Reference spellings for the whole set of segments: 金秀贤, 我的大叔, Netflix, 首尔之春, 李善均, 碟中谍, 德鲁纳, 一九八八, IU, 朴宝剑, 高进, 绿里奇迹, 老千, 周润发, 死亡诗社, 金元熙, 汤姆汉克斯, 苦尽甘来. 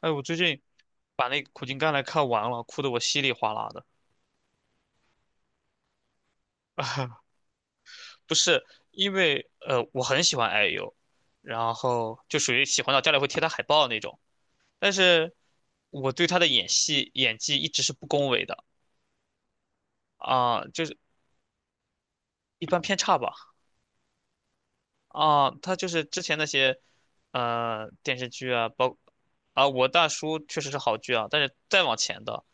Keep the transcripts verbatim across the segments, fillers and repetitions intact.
哎，我最近把那个《苦尽甘来》看完了，哭得我稀里哗啦的。不是因为呃，我很喜欢 I U，然后就属于喜欢到家里会贴他海报那种。但是我对他的演戏演技一直是不恭维的。啊、就是一般偏差吧。啊、他就是之前那些呃电视剧啊，包啊，我大叔确实是好剧啊，但是再往前的，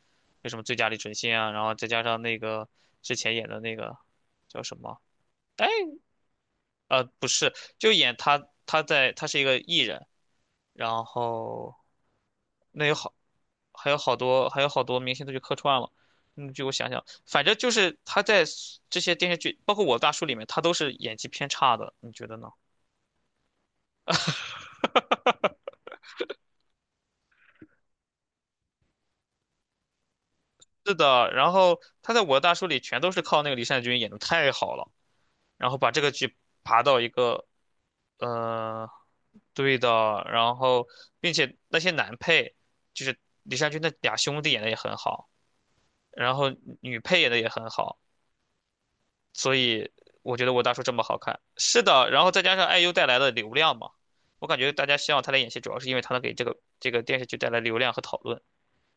为什么最佳李淳信啊，然后再加上那个之前演的那个叫什么？哎，呃，不是，就演他，他在，他是一个艺人，然后那有好，还有好多，还有好多明星都去客串了。嗯，就我想想，反正就是他在 s- 这些电视剧，包括《我的大叔》里面，他都是演技偏差的，你觉得呢？是的，然后他在《我的大叔》里全都是靠那个李善均演的太好了，然后把这个剧爬到一个，呃，对的，然后并且那些男配，就是李善均那俩兄弟演的也很好。然后女配演的也很好，所以我觉得我大叔这么好看。是的，然后再加上 I U 带来的流量嘛，我感觉大家希望他来演戏，主要是因为他能给这个这个电视剧带来流量和讨论，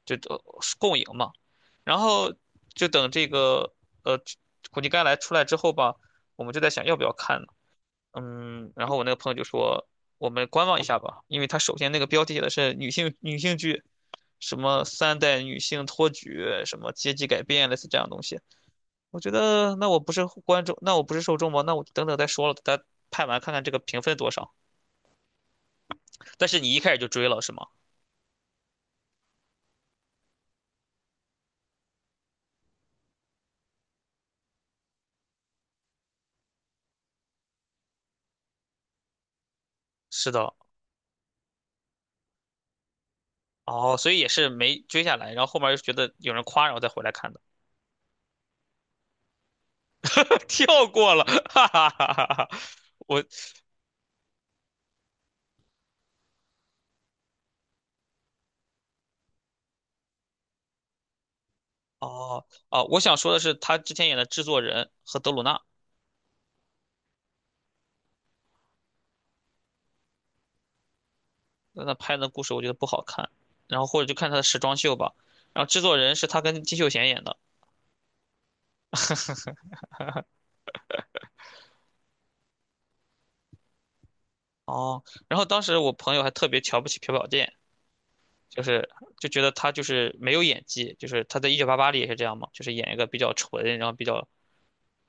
就呃共赢嘛。然后就等这个呃苦尽甘来出来之后吧，我们就在想要不要看呢？嗯，然后我那个朋友就说我们观望一下吧，因为他首先那个标题写的是女性女性剧，什么三代女性托举，什么阶级改变，类似这样的东西。我觉得那我不是观众，那我不是受众吗？那我等等再说了，咱拍完看看这个评分多少。但是你一开始就追了是吗？是的。哦，所以也是没追下来，然后后面又觉得有人夸，然后再回来看的。跳过了，哈哈哈哈哈。我哦哦，我想说的是，他之前演的制作人和德鲁纳，那拍的故事我觉得不好看，然后或者就看他的时装秀吧。然后制作人是他跟金秀贤演的。哦，然后当时我朋友还特别瞧不起朴宝剑。就是就觉得他就是没有演技，就是他在《一九八八》里也是这样嘛，就是演一个比较纯，然后比较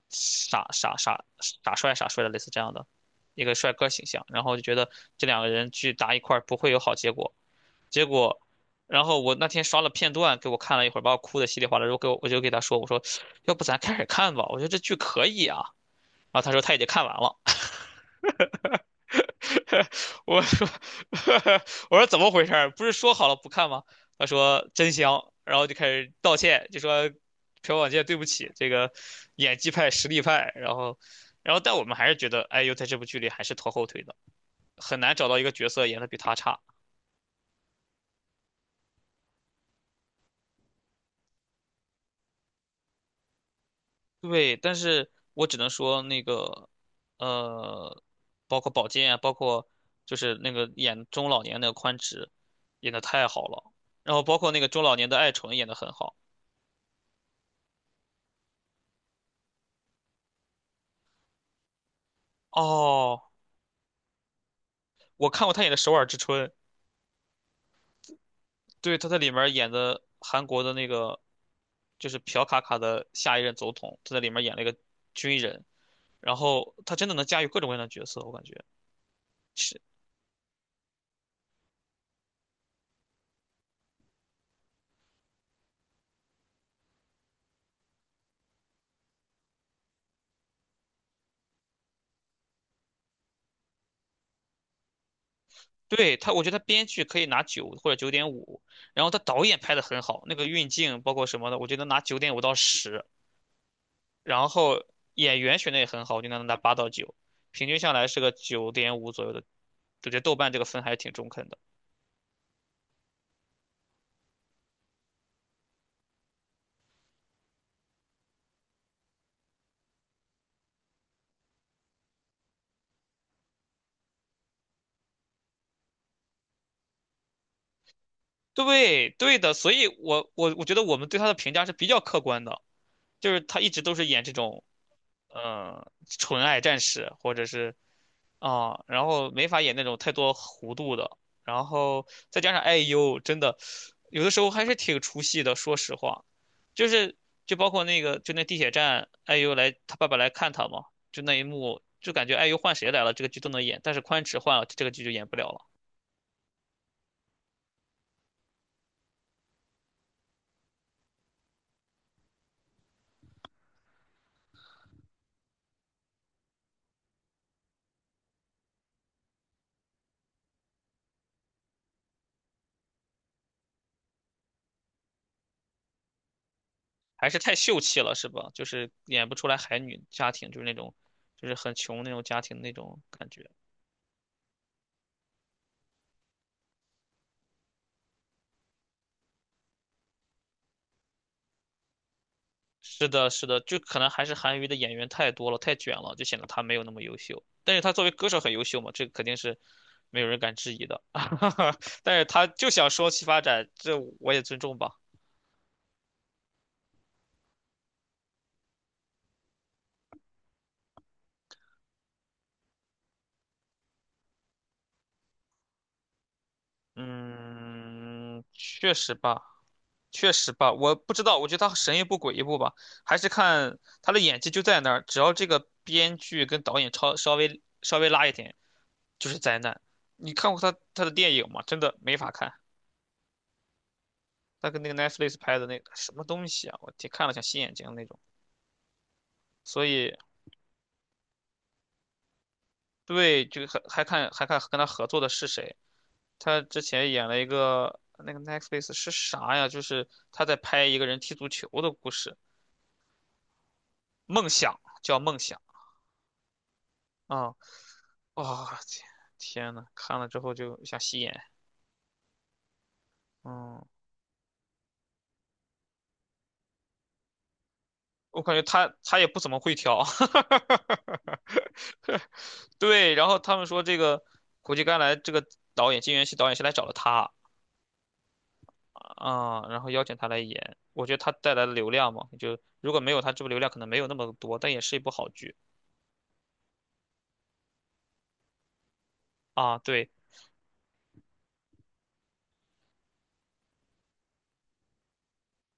傻傻傻傻帅傻帅的类似这样的一个帅哥形象，然后就觉得这两个人去搭一块儿不会有好结果，结果。然后我那天刷了片段，给我看了一会儿，把我哭的稀里哗啦。然后给我，我就给他说，我说，要不咱开始看吧？我觉得这剧可以啊。然后他说他已经看完了。我说 我说怎么回事儿？不是说好了不看吗？他说真香，然后就开始道歉，就说朴宝剑对不起，这个演技派、实力派，然后然后但我们还是觉得 I U 在这部剧里还是拖后腿的，很难找到一个角色演的比他差。对，但是我只能说那个呃，包括宝剑啊，包括就是那个演中老年那个宽直，演的太好了，然后包括那个中老年的爱纯演的很好。哦，我看过他演的《首尔之春》。对，他在里面演的韩国的那个就是朴卡卡的下一任总统，他在里面演了一个军人，然后他真的能驾驭各种各样的角色，我感觉是。对，他，我觉得他编剧可以拿九或者九点五，然后他导演拍的很好，那个运镜包括什么的，我觉得拿九点五到十，然后演员选的也很好，我就能拿八到九，平均下来是个九点五左右的，我觉得豆瓣这个分还是挺中肯的。对对的，所以我我我觉得我们对他的评价是比较客观的，就是他一直都是演这种，呃，纯爱战士或者是。啊、然后没法演那种太多弧度的，然后再加上 I U，真的有的时候还是挺出戏的，说实话，就是就包括那个就那地铁站，I U 来他爸爸来看他嘛，就那一幕，就感觉 I U 换谁来了，这个剧都能演，但是宽尺换了，这个剧就演不了了。还是太秀气了，是吧？就是演不出来海女家庭，就是那种，就是很穷那种家庭那种感觉。是的，是的，就可能还是韩娱的演员太多了，太卷了，就显得他没有那么优秀。但是他作为歌手很优秀嘛，这肯定是没有人敢质疑的。但是他就想说栖发展，这我也尊重吧。嗯，确实吧，确实吧，我不知道，我觉得他神一步鬼一步吧，还是看他的演技就在那儿，只要这个编剧跟导演超稍微稍微拉一点，就是灾难。你看过他他的电影吗？真的没法看，他跟那个 Netflix 拍的那个什么东西啊，我天，看了想吸眼睛那种。所以对，就还还看还看跟他合作的是谁？他之前演了一个那个 Netflix 是啥呀？就是他在拍一个人踢足球的故事。梦想叫梦想啊！哇、天天呐，看了之后就想吸眼。嗯，我感觉他他也不怎么会挑。对，然后他们说这个苦尽甘来这个导演金元熙导演是来找了他。啊、嗯然后邀请他来演。我觉得他带来的流量嘛，就如果没有他，这部流量可能没有那么多，但也是一部好剧啊。对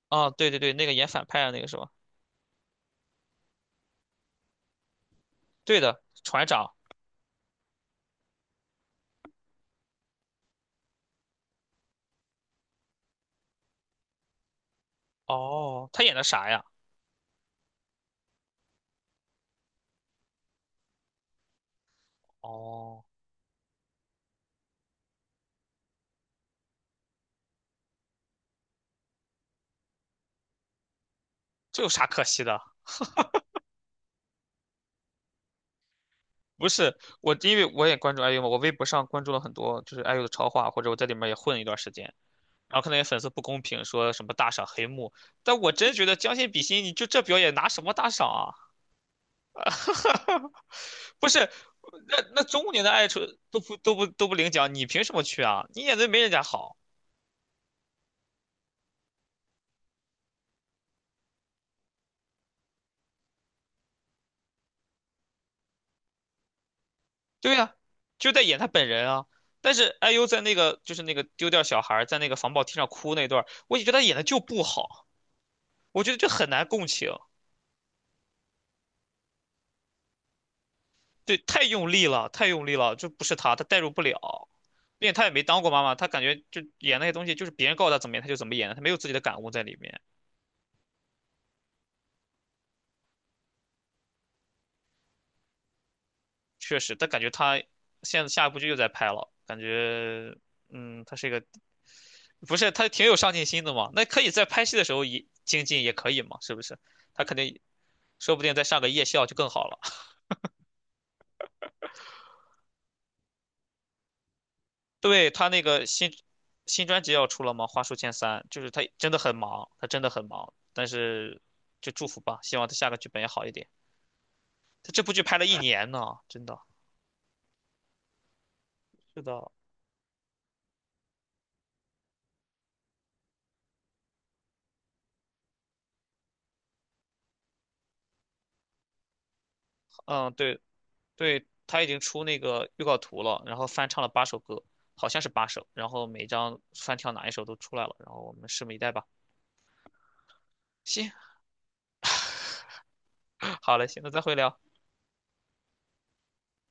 啊，对对对，那个演反派的那个是吧？对的，船长。哦，他演的啥呀？哦，这有啥可惜的？不是我，因为我也关注 I U 嘛，我微博上关注了很多就是 I U 的超话，或者我在里面也混了一段时间，然后看到些粉丝不公平，说什么大赏黑幕，但我真觉得将心比心，你就这表演拿什么大赏啊？不是，那那中年的爱出都不都不都不领奖，你凭什么去啊？你演的没人家好，对呀、就在演他本人啊。但是 I U 在那个就是那个丢掉小孩儿在那个防爆梯上哭那段儿我也觉得他演的就不好，我觉得就很难共情。对，太用力了，太用力了，就不是他，他代入不了，并且他也没当过妈妈，他感觉就演那些东西，就是别人告诉他怎么演，他就怎么演，他没有自己的感悟在里面。确实，但感觉他现在下一部剧又在拍了，感觉，嗯，他是一个，不是他挺有上进心的嘛？那可以在拍戏的时候也精进，也可以嘛？是不是？他肯定，说不定再上个夜校就更好了。对，他那个新新专辑要出了吗？花书千三，就是他真的很忙，他真的很忙，但是就祝福吧，希望他下个剧本也好一点。他这部剧拍了一年呢，真的。是的，嗯，对对，他已经出那个预告图了，然后翻唱了八首歌，好像是八首，然后每张翻跳哪一首都出来了，然后我们拭目以待吧。行，好嘞，行，那再会聊。